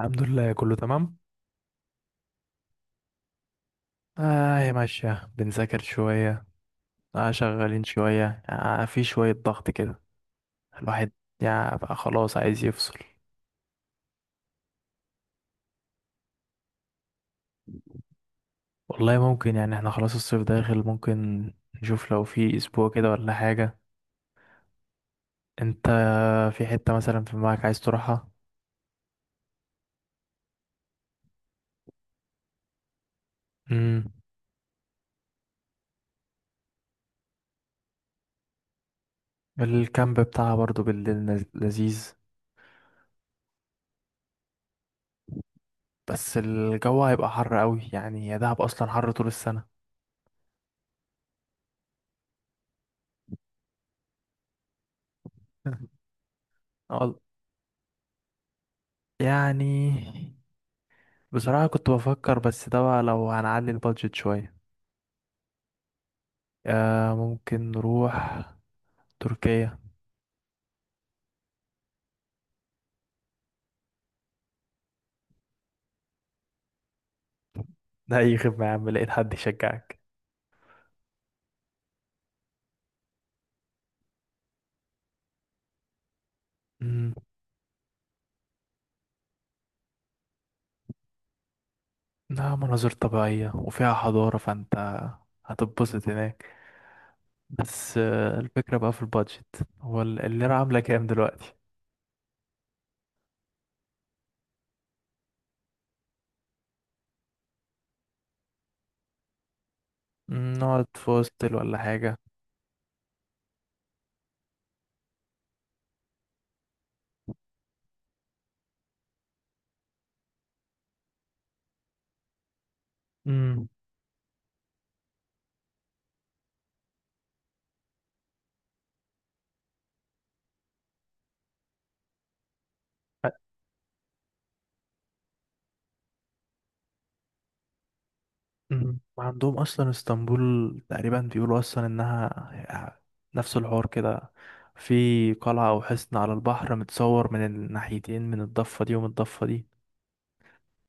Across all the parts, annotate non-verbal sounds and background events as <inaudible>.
الحمد لله كله تمام. اه يا ماشية بنذاكر شوية. اه شغالين شوية، في شوية ضغط كده. الواحد يعني بقى خلاص عايز يفصل. والله ممكن، يعني احنا خلاص الصيف داخل، ممكن نشوف لو في اسبوع كده ولا حاجة. انت في حتة مثلا في دماغك عايز تروحها؟ امم الكامب بتاعها برضو بالليل لذيذ. بس الجو هيبقى حر قوي، يعني يا دهب اصلا حر طول السنة. <laughs> وال- يعني بصراحة كنت بفكر، بس ده بقى لو هنعلي البادجت شوية. ممكن نروح تركيا. <laughs> ده أي خدمة يا عم، لقيت حد يشجعك. مم، لا، مناظر طبيعية وفيها حضارة، فأنت هتتبسط هناك. بس الفكرة بقى في البادجت، هو الليرة عاملة كام دلوقتي؟ مم، نقعد في هوستل ولا حاجة. مم. مم. وعندهم اصلا اسطنبول تقريبا بيقولوا اصلا انها نفس الحوار كده، في قلعة او حصن على البحر متصور من الناحيتين، من الضفة دي ومن الضفة دي.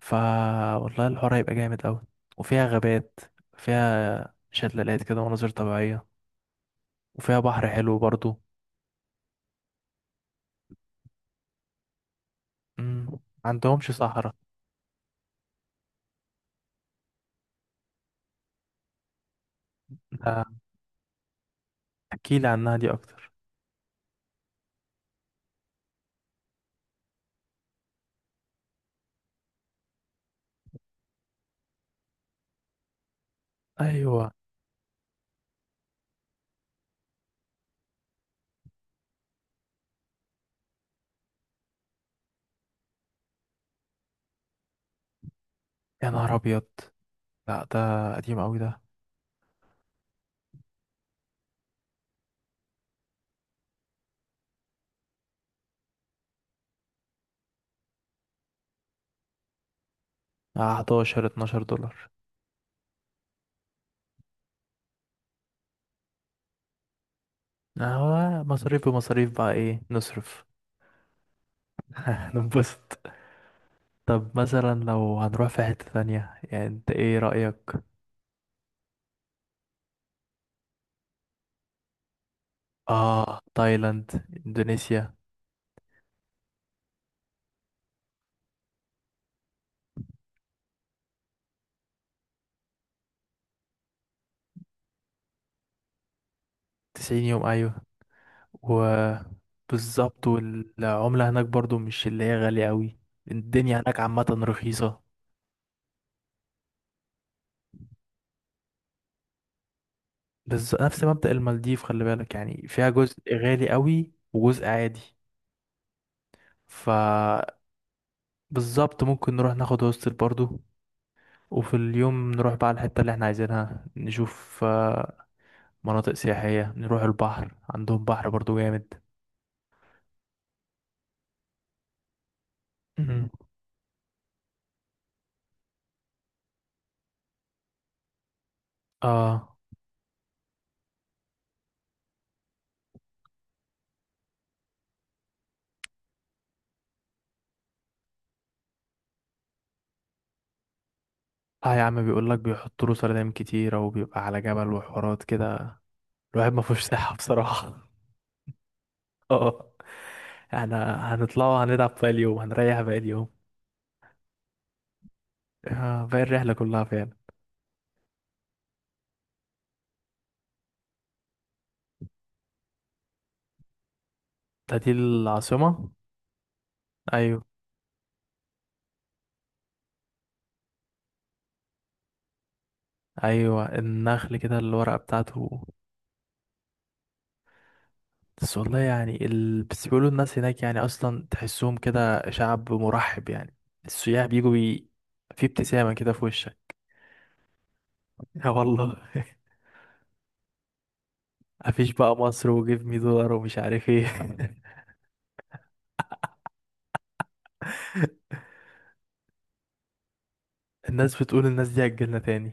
فا والله الحوار هيبقى جامد اوي. وفيها غابات، فيها شلالات كده ومناظر طبيعية، وفيها بحر حلو برضو. مم. عندهمش صحراء؟ ده احكيلي عنها دي اكتر. ايوه. يا نهار ابيض، لا ده قديم اوي ده. 11 12 دولار. هو مصاريف بمصاريف، بقى ايه نصرف. <laughs> ننبسط. طب مثلا لو هنروح في حتة ثانية يعني، انت ايه رأيك؟ اه، تايلاند، اندونيسيا. 90 يوم، ايوه. وبالظبط، والعملة هناك برضو مش اللي هي غالية قوي. الدنيا هناك عامة رخيصة. بس نفس مبدأ المالديف، خلي بالك، يعني فيها جزء غالي قوي وجزء عادي. ف بالظبط، ممكن نروح ناخد هوستل برضو، وفي اليوم نروح بقى على الحتة اللي احنا عايزينها، نشوف مناطق سياحية، نروح البحر، عندهم بحر برضو جامد. مم. اه، اه يا عم، بيقول لك بيحطوا له سردين كتيرة، وبيبقى على جبل وحوارات كده. الواحد ما فيهوش صحة بصراحة. <laughs> اه. احنا هنطلع وهنلعب باقي اليوم، هنريح باقي اليوم. باقي الرحلة كلها فعلا. ده دي العاصمة؟ ايوه. ايوه، النخل كده الورقة بتاعته. بس والله يعني بس بيقولوا الناس هناك يعني اصلا تحسهم كده شعب مرحب يعني. السياح بيجوا. في ابتسامة كده في وشك. <laughs> يا والله. <laughs> مفيش بقى مصر وجيب مي دولار ومش عارف ايه. <laughs> الناس بتقول الناس دي هتجيلنا تاني.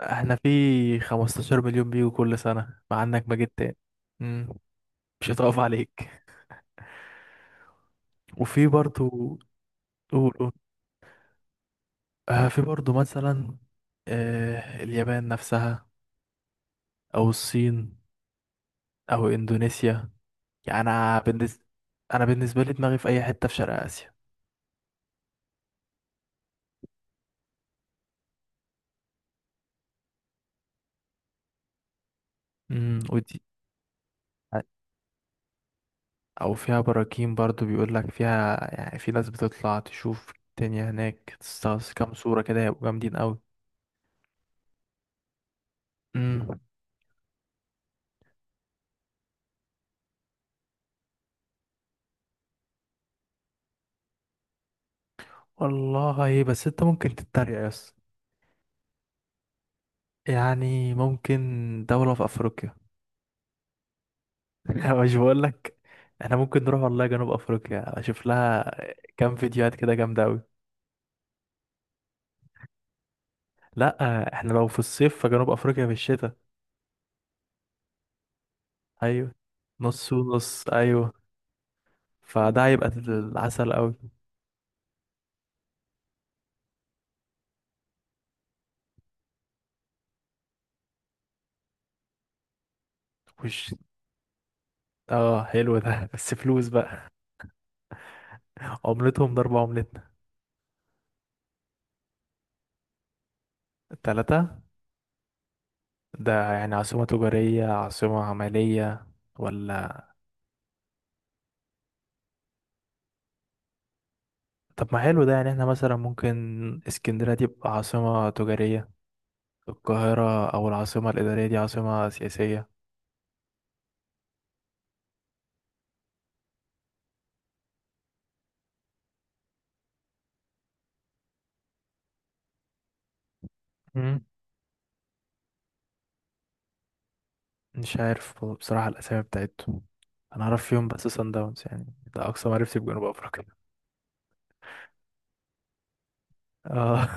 احنا في 15 مليون بيجوا كل سنة، مع انك ما جيت تاني. مم. مش هتقف عليك. وفي برضو. قول، قول. في برضو مثلا، اليابان نفسها، او الصين، او اندونيسيا. يعني انا بالنسبه لي دماغي في اي حته في شرق اسيا. امم، ودي او فيها براكين برضو، بيقول لك فيها، يعني في ناس بتطلع تشوف. الدنيا هناك تستغرق كام صوره كده هيبقوا جامدين قوي. امم. والله بس انت ممكن تتريق يا اسطى. يعني ممكن دوله في افريقيا. <laughs> مش بقول لك، احنا ممكن نروح والله جنوب افريقيا، اشوف لها كام فيديوهات كده جامده قوي. لا، احنا لو في الصيف فجنوب افريقيا في الشتاء. ايوه، نص ونص، ايوه. فده هيبقى العسل قوي. وش، اه حلو ده. <laughs> بس فلوس بقى، عملتهم ضرب عملتنا. التلاتة؟ ده يعني عاصمة تجارية، عاصمة عملية ولا؟ طب ما حلو ده، يعني احنا مثلا ممكن اسكندرية دي تبقى عاصمة تجارية، القاهرة أو العاصمة الإدارية دي عاصمة سياسية. مم. مش عارف بصراحة الأسامي بتاعتهم. أنا أعرف فيهم بس سان داونز، يعني ده أقصى معرفتي بجنوب أفريقيا. اه.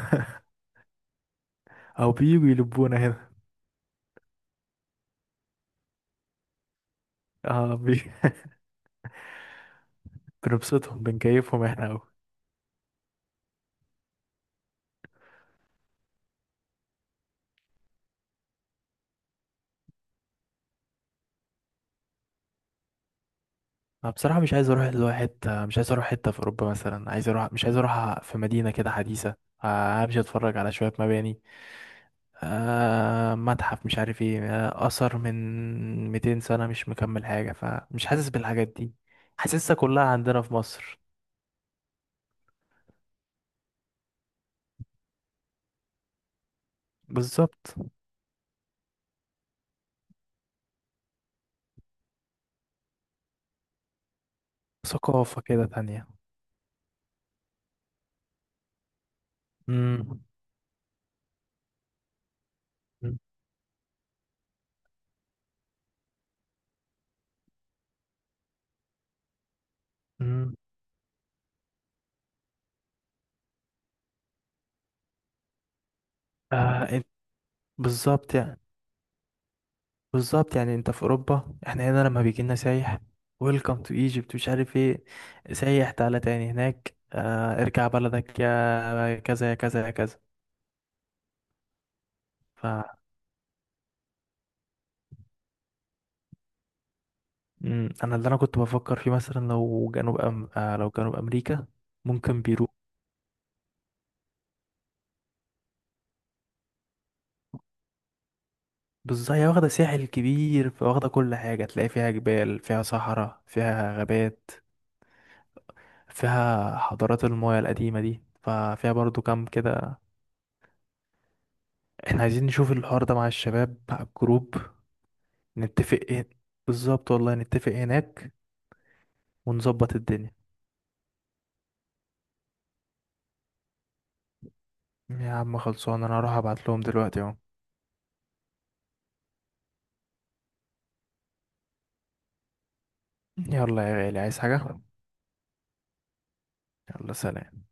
<laughs> أو بييجوا يلبونا هنا. اه، بنبسطهم بنكيفهم احنا قوي. انا بصراحه مش عايز اروح حته في اوروبا مثلا، عايز اروح، مش عايز اروح في مدينه كده حديثه امشي اتفرج على شويه مباني، متحف مش عارف ايه، اثر من 200 سنه مش مكمل حاجه، فمش حاسس بالحاجات دي. حاسسها كلها عندنا في مصر. بالظبط، ثقافه كده تانية. امم امم، امم. آه إنت- بالظبط يعني. بالظبط يعني، انت في اوروبا، احنا هنا لما بيجي لنا سايح، ويلكم تو ايجيبت مش عارف ايه، سايح تعالى تاني، هناك اه ارجع بلدك يا كذا يا كذا يا كذا. ف انا اللي كنت بفكر فيه، مثلا لو جنوب أم... اه لو جنوب امريكا، ممكن بيرو. بالظبط، هي واخده ساحل كبير، فواخده كل حاجه، تلاقي فيها جبال، فيها صحراء، فيها غابات، فيها حضارات المايا القديمه دي، ففيها برضو كام كده. احنا عايزين نشوف الحوار ده مع الشباب، مع الجروب، نتفق ايه. بالظبط، والله نتفق هناك ونظبط الدنيا. يا عم خلصان، انا هروح ابعت لهم دلوقتي اهو. يلا يا غالي، عايز حاجة؟ يلا، سلام.